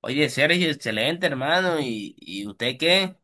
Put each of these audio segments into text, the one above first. Oye, Sergio, excelente, hermano. ¿Y usted qué?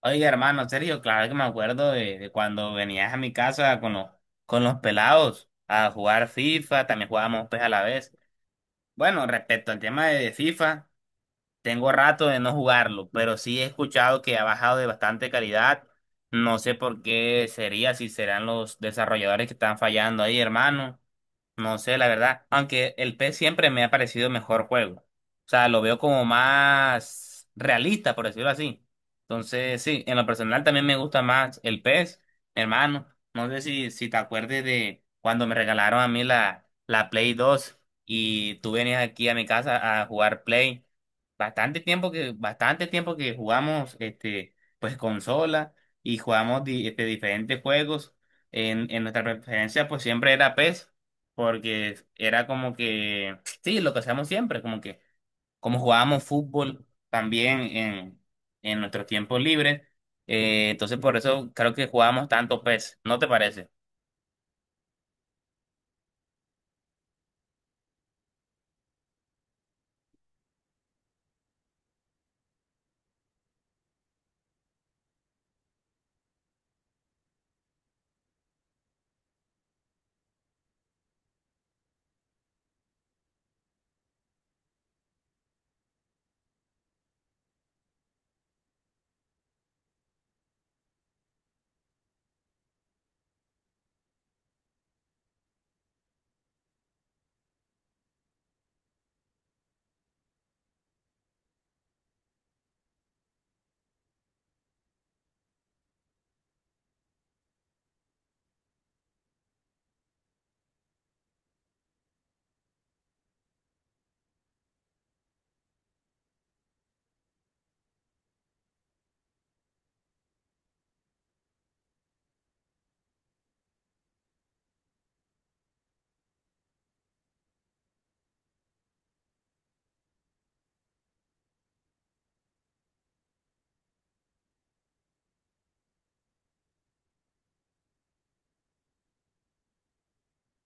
Oye, hermano, Sergio, claro que me acuerdo de cuando venías a mi casa con los pelados a jugar FIFA, también jugábamos PES a la vez. Bueno, respecto al tema de FIFA, tengo rato de no jugarlo, pero sí he escuchado que ha bajado de bastante calidad. No sé por qué sería, si serán los desarrolladores que están fallando ahí, hermano. No sé, la verdad, aunque el PES siempre me ha parecido mejor juego. O sea, lo veo como más realista, por decirlo así. Entonces, sí, en lo personal también me gusta más el PES, hermano. No sé si te acuerdes de cuando me regalaron a mí la Play 2 y tú venías aquí a mi casa a jugar Play. Bastante tiempo que jugamos este, pues consola y jugamos diferentes juegos. En nuestra preferencia, pues siempre era PES porque era como que, sí, lo que hacíamos siempre, como que, como jugábamos fútbol también en nuestros tiempos libres, entonces por eso creo que jugábamos tanto PES, ¿no te parece?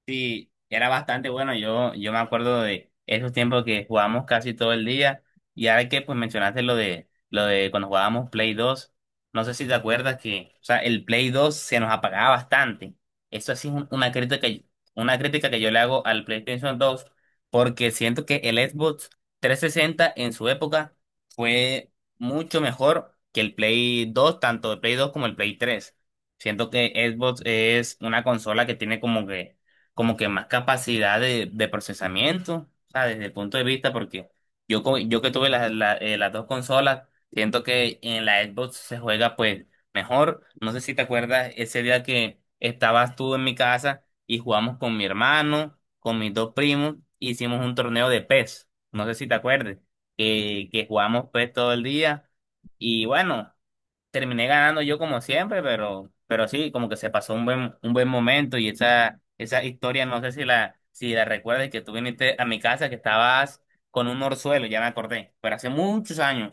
Sí, era bastante bueno. Yo me acuerdo de esos tiempos que jugábamos casi todo el día. Y ahora que pues mencionaste lo de cuando jugábamos Play dos. No sé si te acuerdas que, o sea, el Play dos se nos apagaba bastante. Eso sí es una crítica, una crítica que yo le hago al PlayStation dos, porque siento que el Xbox 360 en su época fue mucho mejor que el Play dos, tanto el Play dos como el Play tres. Siento que Xbox es una consola que tiene como que más capacidad de procesamiento, o sea, desde el punto de vista, porque yo que tuve las dos consolas, siento que en la Xbox se juega pues mejor. No sé si te acuerdas ese día que estabas tú en mi casa y jugamos con mi hermano, con mis dos primos, e hicimos un torneo de PES, no sé si te acuerdas, que jugamos PES todo el día y bueno terminé ganando yo como siempre, pero sí, como que se pasó un buen momento y esa historia, no sé si la recuerdas que tú viniste a mi casa que estabas con un orzuelo, ya me acordé, pero hace muchos años.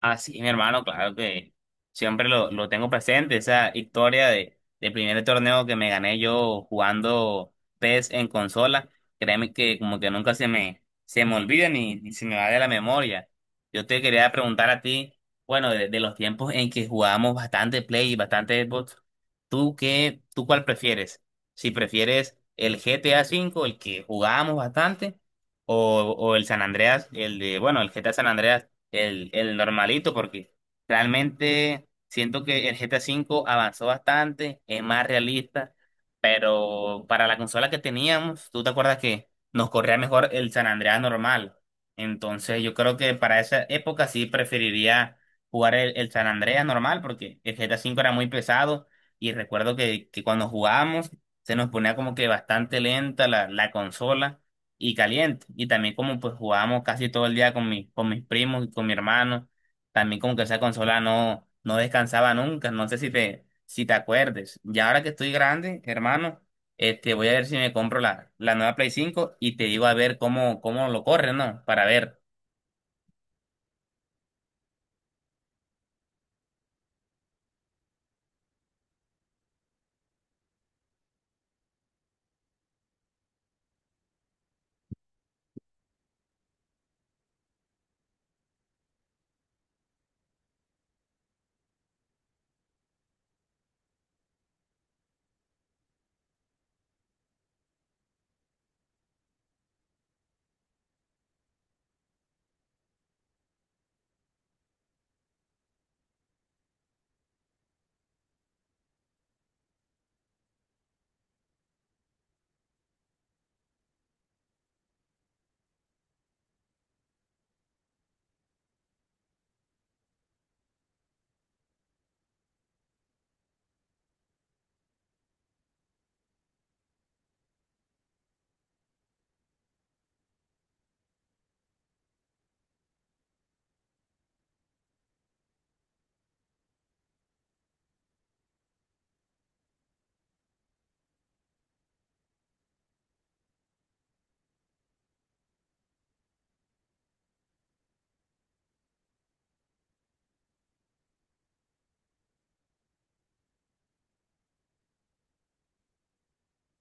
Así mi hermano, claro que siempre lo tengo presente, esa historia del primer torneo que me gané yo jugando PES en consola, créeme que como que nunca se me olvida ni se me va de la memoria. Yo te quería preguntar a ti, bueno, de los tiempos en que jugábamos bastante Play y bastante Xbox, ¿tú qué, tú cuál prefieres? Si prefieres el GTA V, el que jugábamos bastante, o el San Andreas, el de, bueno, el GTA San Andreas el normalito, porque realmente siento que el GTA V avanzó bastante, es más realista, pero para la consola que teníamos, tú te acuerdas que nos corría mejor el San Andreas normal. Entonces yo creo que para esa época sí preferiría jugar el San Andreas normal, porque el GTA V era muy pesado y recuerdo que cuando jugábamos se nos ponía como que bastante lenta la consola y caliente. Y también como pues jugábamos casi todo el día con mis primos y con mi hermano, también como que esa consola no descansaba nunca. No sé si te acuerdes. Y ahora que estoy grande, hermano, voy a ver si me compro la nueva Play 5 y te digo a ver cómo lo corre, ¿no? Para ver.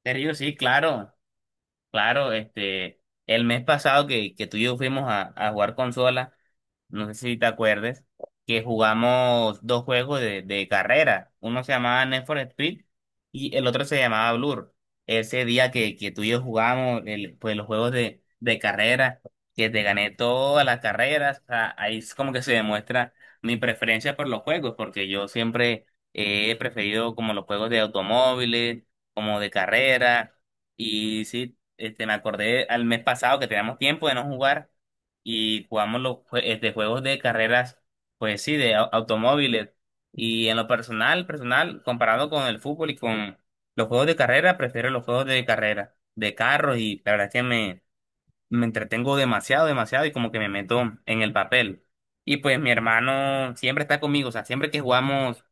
Te digo, sí, claro. Claro, el mes pasado que tú y yo fuimos a jugar consola, no sé si te acuerdes, que jugamos dos juegos de carrera. Uno se llamaba Need for Speed y el otro se llamaba Blur. Ese día que tú y yo jugamos pues, los juegos de carrera, que te gané todas las carreras, o sea, ahí es como que se demuestra mi preferencia por los juegos, porque yo siempre he preferido como los juegos de automóviles, como de carrera. Y sí, me acordé al mes pasado que teníamos tiempo de no jugar y jugamos los juegos de carreras, pues sí, de automóviles. Y en lo personal, personal, comparado con el fútbol y con los juegos de carrera, prefiero los juegos de carrera, de carros y la verdad es que me entretengo demasiado, demasiado y como que me meto en el papel. Y pues mi hermano siempre está conmigo, o sea, siempre que jugamos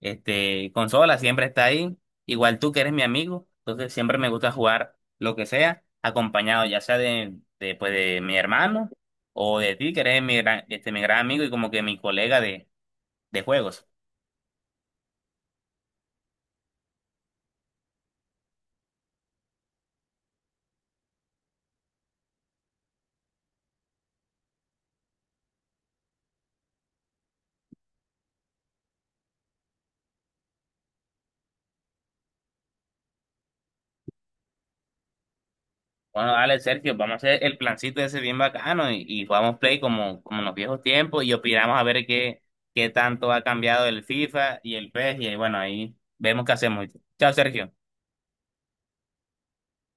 consola, siempre está ahí. Igual tú que eres mi amigo, entonces siempre me gusta jugar lo que sea, acompañado ya sea de, pues, de mi hermano o de ti que eres mi gran amigo y como que mi colega de juegos. Bueno, dale, Sergio, vamos a hacer el plancito ese bien bacano y jugamos play como en los viejos tiempos y opinamos a ver qué tanto ha cambiado el FIFA y el PES y bueno, ahí vemos qué hacemos. Chao, Sergio.